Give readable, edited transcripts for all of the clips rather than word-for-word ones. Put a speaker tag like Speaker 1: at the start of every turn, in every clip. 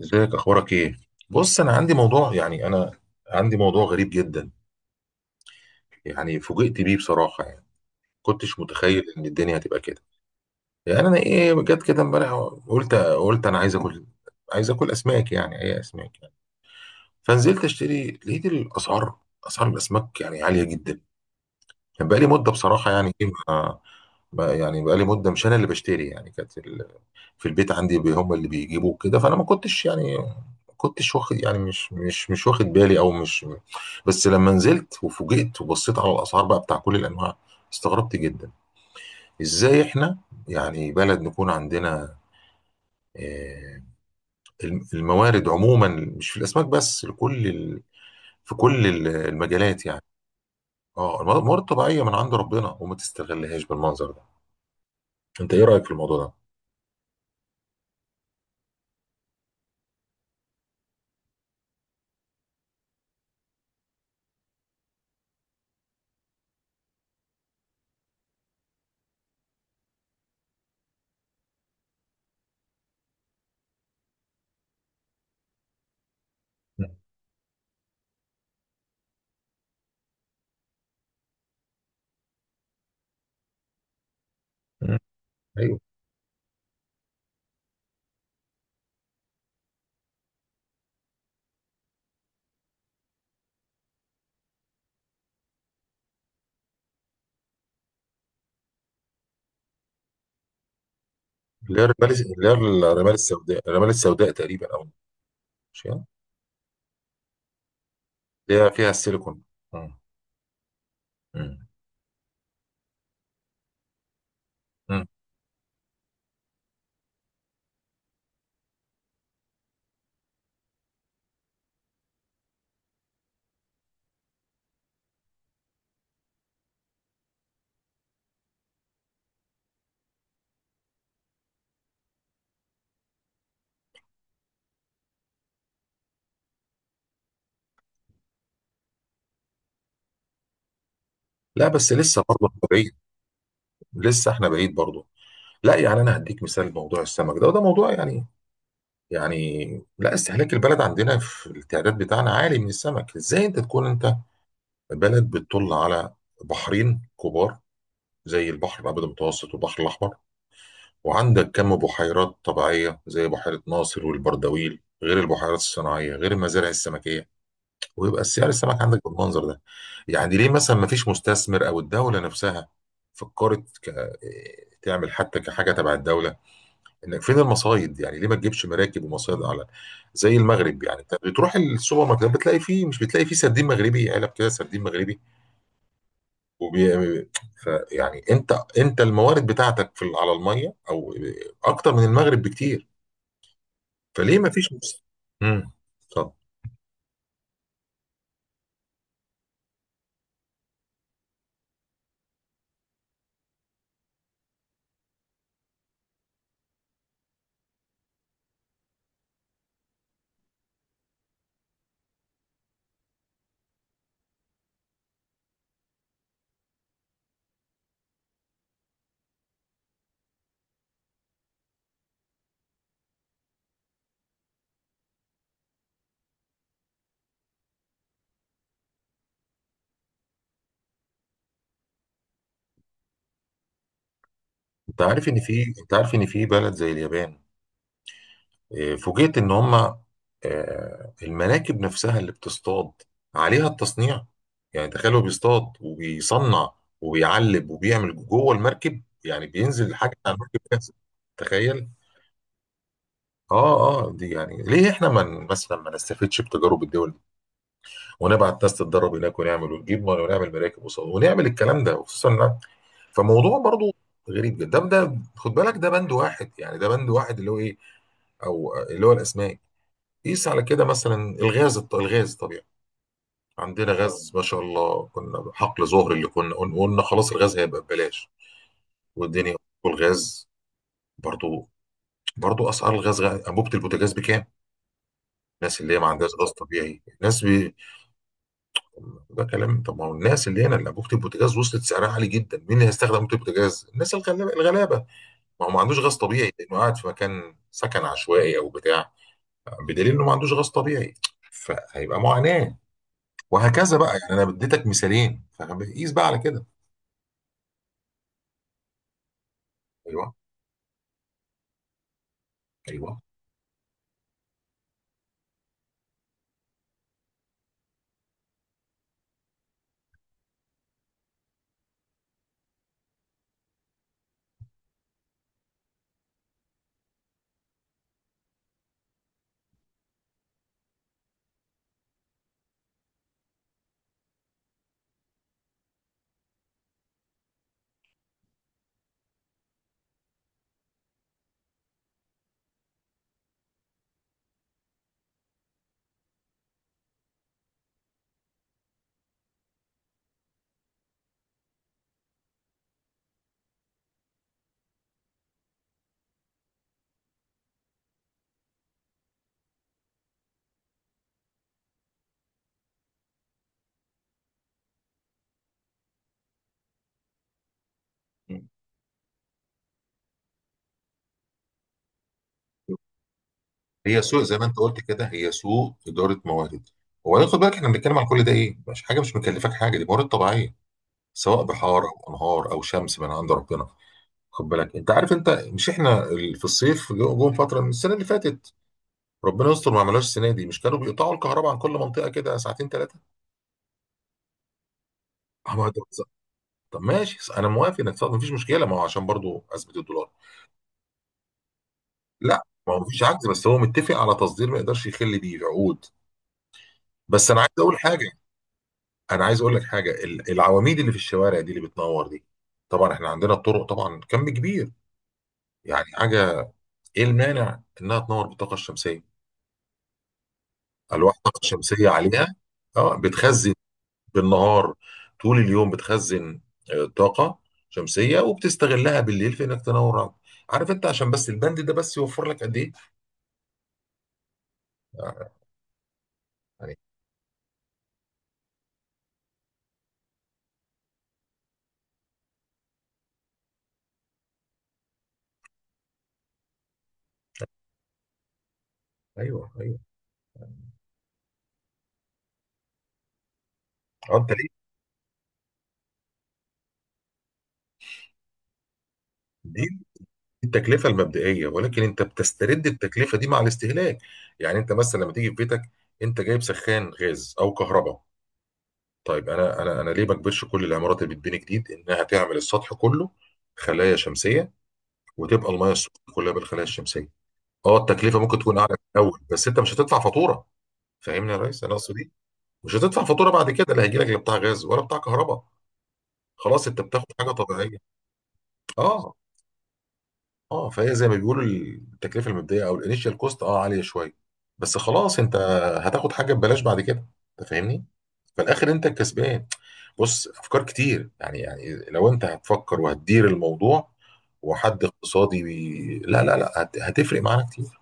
Speaker 1: ازيك، اخبارك ايه؟ بص، انا عندي موضوع، يعني انا عندي موضوع غريب جدا. يعني فوجئت بيه بصراحه، يعني كنتش متخيل ان الدنيا هتبقى كده. يعني انا ايه جت كده امبارح. قلت انا عايز اكل اسماك، يعني اي اسماك، يعني فنزلت اشتري لقيت الاسعار. اسعار الاسماك يعني عاليه جدا. كان بقى لي مده بصراحه، يعني ايه ما ما- يعني بقى لي مده، مش انا اللي بشتري، يعني كانت في البيت عندي، هم اللي بيجيبوا كده. فانا ما كنتش يعني ما كنتش واخد، يعني مش واخد بالي، او مش. بس لما نزلت وفوجئت وبصيت على الاسعار بقى بتاع كل الانواع، استغربت جدا. ازاي احنا يعني بلد نكون عندنا آه، الموارد عموما، مش في الاسماك بس، لكل في كل المجالات يعني. اه، الموارد الطبيعيه من عند ربنا وما تستغلهاش بالمنظر ده. انت ايه رايك في الموضوع ده؟ مم. مم. ايوه، اللي هي الرمال، اللي هي الرمال السوداء، الرمال السوداء تقريبا. او ماشي. اللي هي فيها السيليكون. مم. مم. مم. لا بس لسه برضه إحنا بعيد. لسه احنا بعيد برضه. لا يعني انا هديك مثال موضوع السمك ده، وده موضوع يعني، يعني لا، استهلاك البلد عندنا في التعداد بتاعنا عالي من السمك. ازاي انت تكون انت بلد بتطل على بحرين كبار زي البحر الابيض المتوسط والبحر الاحمر، وعندك كم بحيرات طبيعيه زي بحيره ناصر والبردويل، غير البحيرات الصناعيه، غير المزارع السمكيه، ويبقى السعر السمك عندك بالمنظر ده؟ يعني ليه مثلا ما فيش مستثمر او الدوله نفسها فكرت تعمل حتى كحاجه تبع الدوله، ان فين المصايد؟ يعني ليه ما تجيبش مراكب ومصايد على زي المغرب؟ يعني انت بتروح السوبر ماركت بتلاقي فيه، مش بتلاقي فيه سردين مغربي، علب كده سردين مغربي. وبي... فيعني انت، انت الموارد بتاعتك في على الميه، او اكتر من المغرب بكتير. فليه ما فيش امم طب. انت عارف ان في، انت عارف ان في بلد زي اليابان؟ فوجئت ان هم، المناكب نفسها اللي بتصطاد عليها التصنيع. يعني تخيلوا بيصطاد وبيصنع وبيعلب وبيعمل جوه المركب. يعني بينزل حاجه على المركب جاهزه. تخيل. اه اه، دي يعني ليه احنا من مثلا ما نستفدش بتجارب الدول دي، ونبعت ناس تتدرب هناك، ونعمل ونجيب ميه ونعمل مراكب ونعمل الكلام ده، خصوصا فموضوع برضو غريب جدا. ده خد بالك، ده بند واحد يعني، ده بند واحد، اللي هو ايه، او اللي هو الاسماك. قيس على كده مثلا الغاز، الغاز طبيعي. عندنا غاز ما شاء الله، كنا حقل ظهر اللي كنا قلنا خلاص الغاز هيبقى ببلاش والدنيا. والغاز برضو، اسعار الغاز، انبوبه البوتاجاز بكام؟ الناس اللي هي ما عندهاش غاز طبيعي، ده كلام. طب ما هو الناس اللي هنا اللي انبوبه البوتاجاز وصلت سعرها عالي جدا، مين اللي هيستخدم انبوبه البوتاجاز؟ الناس الغلابه، الغلابه ما هو ما عندوش غاز طبيعي، لانه قاعد في مكان سكن عشوائي او بتاع، بدليل انه ما عندوش غاز طبيعي. فهيبقى معاناه. وهكذا بقى، يعني انا اديتك مثالين، فاهم؟ قيس بقى على كده. ايوه. ايوه. مم. هي سوء، زي ما انت قلت كده، هي سوء اداره موارد. وبعدين خد بالك، احنا بنتكلم عن كل ده ايه؟ مش حاجه، مش مكلفك حاجه، دي موارد طبيعيه، سواء بحار او انهار او شمس من عند ربنا. خد بالك، انت عارف انت، مش احنا في الصيف جم فتره من السنه اللي فاتت، ربنا يستر ما عملوش السنه دي، مش كانوا بيقطعوا الكهرباء عن كل منطقه كده ساعتين ثلاثه؟ طب ماشي، انا موافق انك تقطع، مفيش مشكله، ما هو عشان برضو اثبت الدولار. لا ما هو مفيش عجز، بس هو متفق على تصدير، ما يقدرش يخل بيه عقود. بس انا عايز اقول حاجه. انا عايز اقول لك حاجه، العواميد اللي في الشوارع دي اللي بتنور دي، طبعا احنا عندنا الطرق طبعا كم كبير، يعني حاجه، ايه المانع انها تنور بالطاقه الشمسيه؟ الواح الطاقه الشمسيه عليها، اه بتخزن بالنهار، طول اليوم بتخزن طاقه شمسيه، وبتستغلها بالليل في انك تنور عقد. عارف انت؟ عشان بس البند ده بس يوفر لك قد ايه؟ آه، يعني. ايوه، ايوه. اه انت، ليه التكلفة المبدئية، ولكن انت بتسترد التكلفة دي مع الاستهلاك. يعني انت مثلا لما تيجي في بيتك، انت جايب سخان غاز او كهرباء. طيب انا، ليه ما اجبرش كل العمارات اللي بتبني جديد انها تعمل السطح كله خلايا شمسية، وتبقى المياه السخنة كلها بالخلايا الشمسية. اه التكلفة ممكن تكون اعلى في الاول، بس انت مش هتدفع فاتورة. فاهمني يا ريس؟ انا اقصد دي، مش هتدفع فاتورة بعد كده. لا هيجي لك لا بتاع غاز ولا بتاع كهرباء. خلاص انت بتاخد حاجة طبيعية. اه. اه، فهي زي ما بيقولوا التكلفه المبدئيه او الانيشال كوست اه عاليه شويه، بس خلاص انت هتاخد حاجه ببلاش بعد كده. انت فاهمني؟ في الاخر انت الكسبان. بص افكار كتير، يعني لو انت هتفكر وهتدير الموضوع، وحد اقتصادي لا لا لا، هتفرق معانا كتير.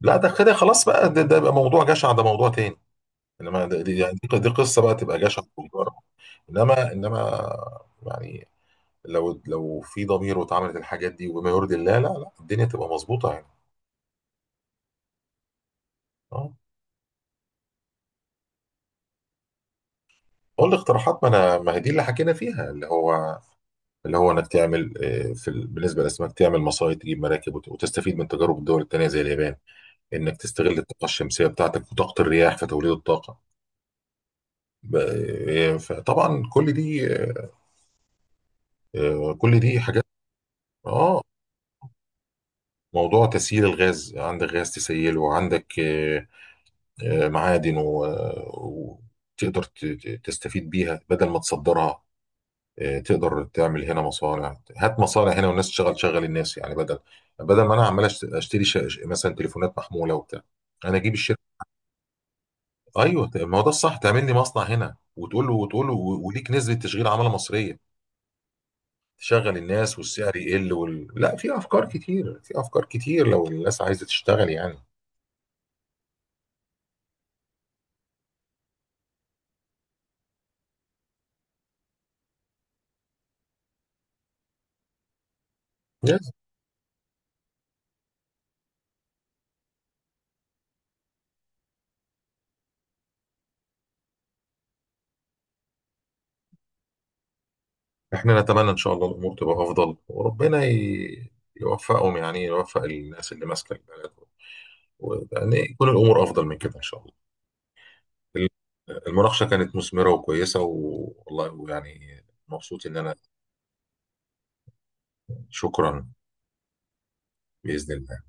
Speaker 1: لا ده كده خلاص بقى، ده بقى موضوع جشع، ده موضوع تاني. انما ده، يعني دي قصه بقى، تبقى جشع وتجاره. انما يعني، لو في ضمير، واتعملت الحاجات دي وبما يرضي الله، لا لا الدنيا تبقى مظبوطه يعني. اه. قول لي اقتراحات. ما انا، ما هي دي اللي حكينا فيها، اللي هو، اللي هو انك تعمل، بالنسبه للاسماك تعمل مصايد، تجيب مراكب، وتستفيد من تجارب الدول التانيه زي اليابان. انك تستغل الطاقه الشمسيه بتاعتك وطاقه الرياح في توليد الطاقه. ب- فطبعا كل دي، كل دي حاجات. اه. موضوع تسييل الغاز، عندك غاز تسيله، وعندك معادن وتقدر تستفيد بيها بدل ما تصدرها. تقدر تعمل هنا مصانع، هات مصانع هنا والناس تشغل، شغل الناس يعني، بدل ما انا عمال اشتري مثلا تليفونات محموله وبتاع، انا اجيب الشركه. ايوه ما هو ده الصح، تعمل لي مصنع هنا، وتقول له، وليك نسبه تشغيل عماله مصريه، تشغل الناس والسعر يقل لا، في افكار كتير، في افكار كتير لو الناس عايزه تشتغل يعني. يس. احنا نتمنى ان شاء الله الامور تبقى افضل، وربنا يوفقهم، يعني يوفق الناس اللي ماسكه البلد، يعني يكون الامور افضل من كده ان شاء الله. المناقشة كانت مثمرة وكويسة والله، ويعني مبسوط إن أنا. شكرا. بإذن الله.